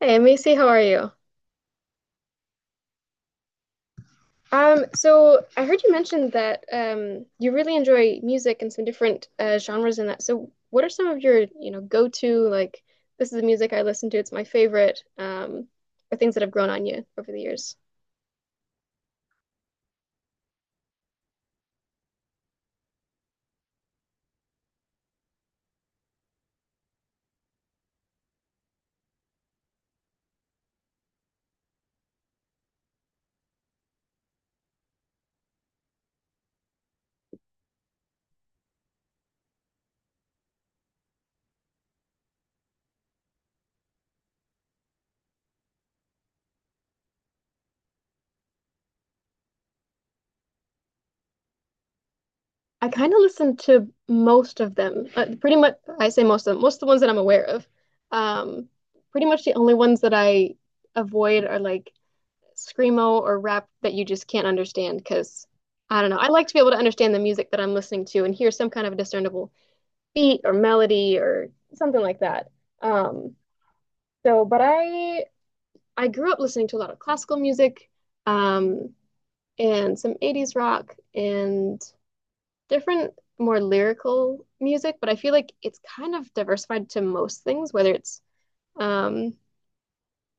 Hey, Macy, how are you? So I heard you mentioned that you really enjoy music and some different genres in that. So what are some of your, go-to like this is the music I listen to, it's my favorite, or things that have grown on you over the years? I kind of listen to most of them. Pretty much, I say most of them, most of the ones that I'm aware of. Um, Pretty much the only ones that I avoid are like screamo or rap that you just can't understand because I don't know. I like to be able to understand the music that I'm listening to and hear some kind of a discernible beat or melody or something like that. Um, but I grew up listening to a lot of classical music, um, and some 80s rock and different more lyrical music, but I feel like it's kind of diversified to most things, whether it's um,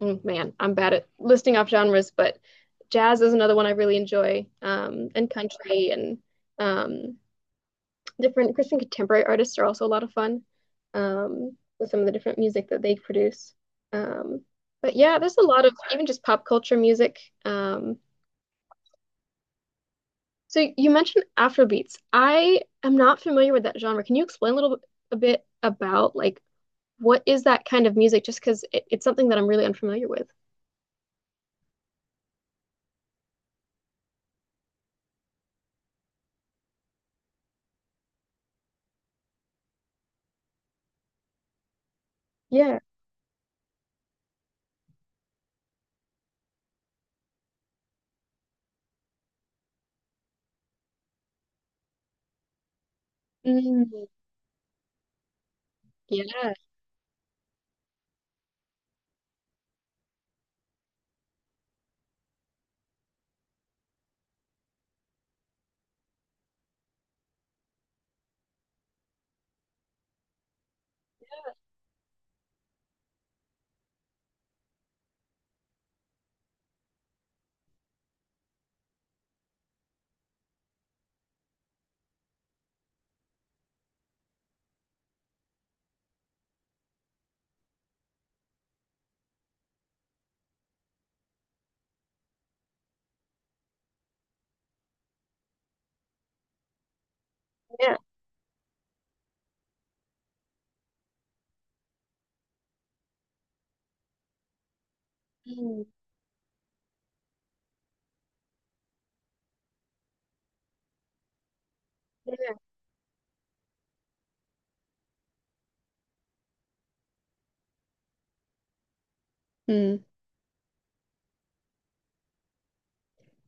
Man, I'm bad at listing off genres, but jazz is another one I really enjoy, and country and um, different Christian contemporary artists are also a lot of fun with some of the different music that they produce. Um, but yeah, there's a lot of even just pop culture music. Um, so you mentioned Afrobeats. I am not familiar with that genre. Can you explain a little bit, a bit about like what is that kind of music? Just because it's something that I'm really unfamiliar with. Yeah. Mm, yeah. Yeah. Mm, yeah. Mm.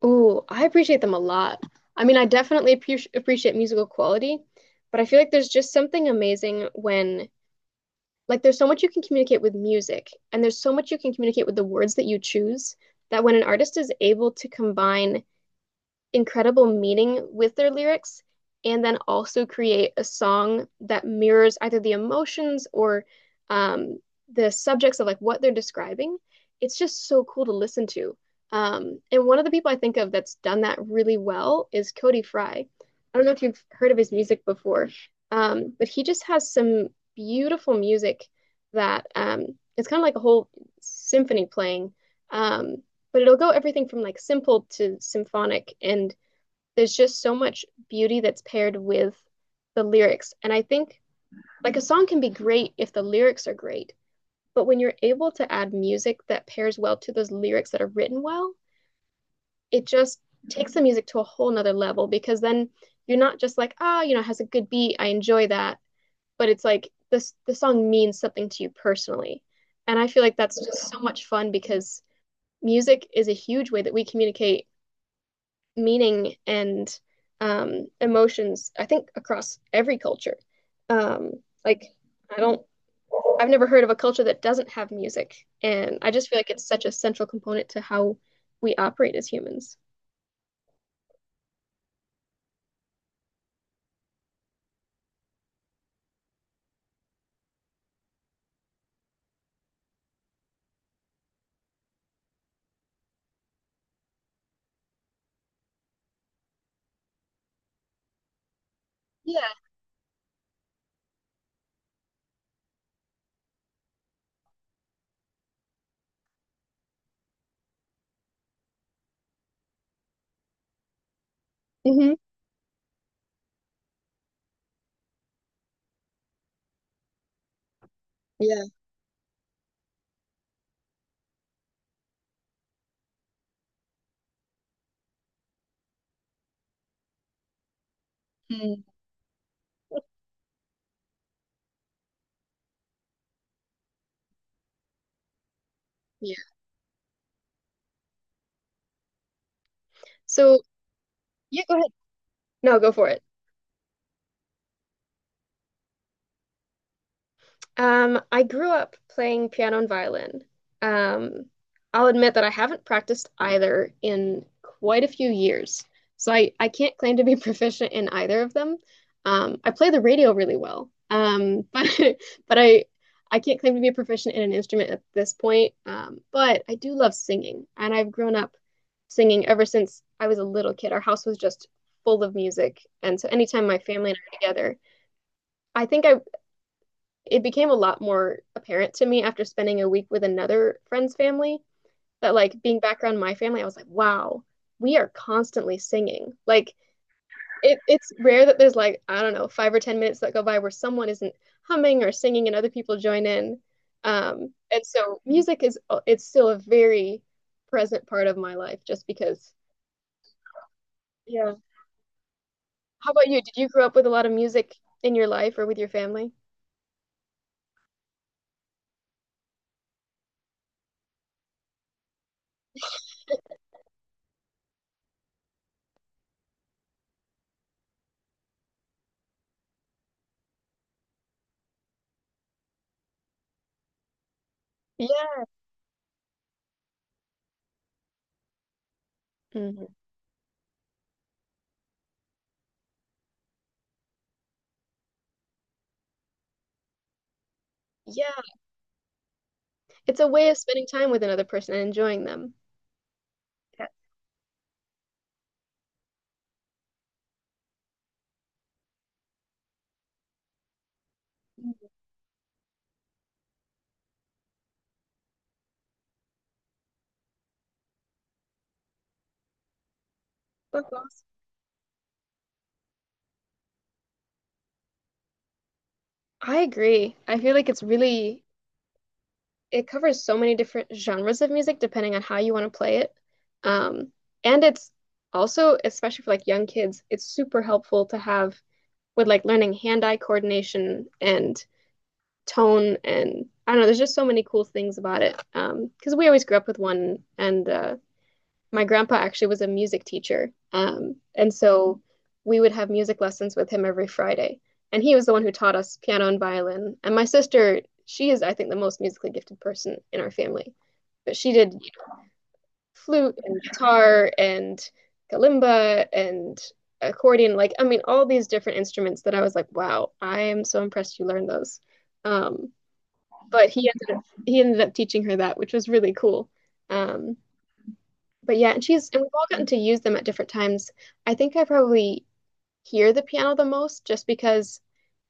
Oh, I appreciate them a lot. I mean, I definitely appreciate musical quality, but I feel like there's just something amazing when, like, there's so much you can communicate with music, and there's so much you can communicate with the words that you choose, that when an artist is able to combine incredible meaning with their lyrics and then also create a song that mirrors either the emotions or um, the subjects of like what they're describing. It's just so cool to listen to. And one of the people I think of that's done that really well is Cody Fry. I don't know if you've heard of his music before, but he just has some beautiful music that it's kind of like a whole symphony playing. Um, but it'll go everything from like simple to symphonic and there's just so much beauty that's paired with the lyrics, and I think like a song can be great if the lyrics are great, but when you're able to add music that pairs well to those lyrics that are written well, it just takes the music to a whole nother level, because then you're not just like ah oh, it has a good beat, I enjoy that, but it's like this the song means something to you personally. And I feel like that's just so much fun, because music is a huge way that we communicate meaning and emotions, I think, across every culture. Um, like, I don't, I've never heard of a culture that doesn't have music. And I just feel like it's such a central component to how we operate as humans. Yeah. Hmm. Yeah. Mm. Yeah. So, yeah, go ahead. No, go for it. I grew up playing piano and violin. Um, I'll admit that I haven't practiced either in quite a few years, so I can't claim to be proficient in either of them. I play the radio really well, but I can't claim to be proficient in an instrument at this point. But I do love singing, and I've grown up singing ever since I was a little kid. Our house was just full of music, and so anytime my family and I were together, I think I it became a lot more apparent to me after spending a week with another friend's family that like being back around my family, I was like, wow, we are constantly singing. Like it's rare that there's like, I don't know, 5 or 10 minutes that go by where someone isn't humming or singing and other people join in. And so music is it's still a very present part of my life just because yeah. How about you? Did you grow up with a lot of music in your life or with your family? Yeah. Mhm. Yeah. It's a way of spending time with another person and enjoying them. Yeah. That's awesome. I agree. I feel like it's really, it covers so many different genres of music depending on how you want to play it. Um, and it's also, especially for like young kids, it's super helpful to have with like learning hand-eye coordination and tone and I don't know, there's just so many cool things about it. Because we always grew up with one, and my grandpa actually was a music teacher. And so we would have music lessons with him every Friday. And he was the one who taught us piano and violin. And my sister, she is, I think, the most musically gifted person in our family. But she did flute and guitar and kalimba and accordion. Like, I mean, all these different instruments that I was like, wow, I am so impressed you learned those. Um, but he ended up teaching her that, which was really cool. Um, but yeah, and she's and we've all gotten to use them at different times. I think I probably hear the piano the most just because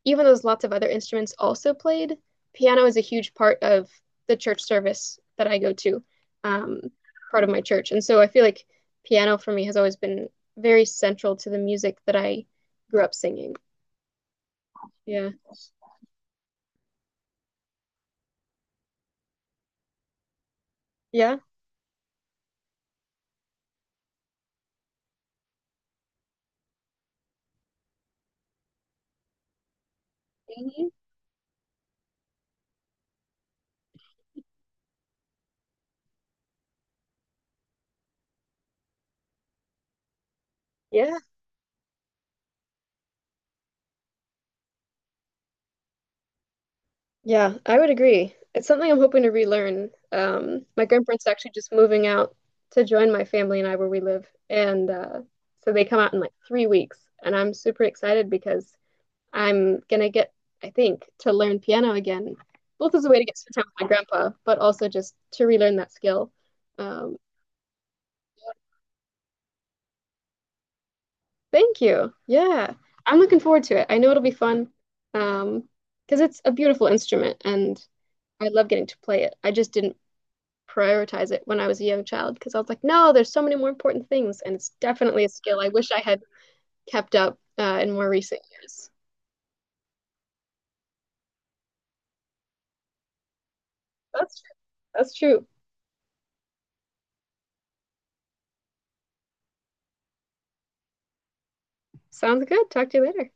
even though there's lots of other instruments also played, piano is a huge part of the church service that I go to, um, part of my church. And so I feel like piano for me has always been very central to the music that I grew up singing. Yeah. Yeah. Mhm. Yeah. Yeah, I would agree. It's something I'm hoping to relearn. My grandparents are actually just moving out to join my family and I where we live. And so they come out in like 3 weeks. And I'm super excited because I'm gonna get, I think, to learn piano again, both as a way to get to spend time with my grandpa, but also just to relearn that skill. Um, Thank you. Yeah, I'm looking forward to it. I know it'll be fun um, because it's a beautiful instrument and I love getting to play it. I just didn't prioritize it when I was a young child because I was like, no, there's so many more important things. And it's definitely a skill I wish I had kept up in more recent years. That's true. That's true. Sounds good. Talk to you later.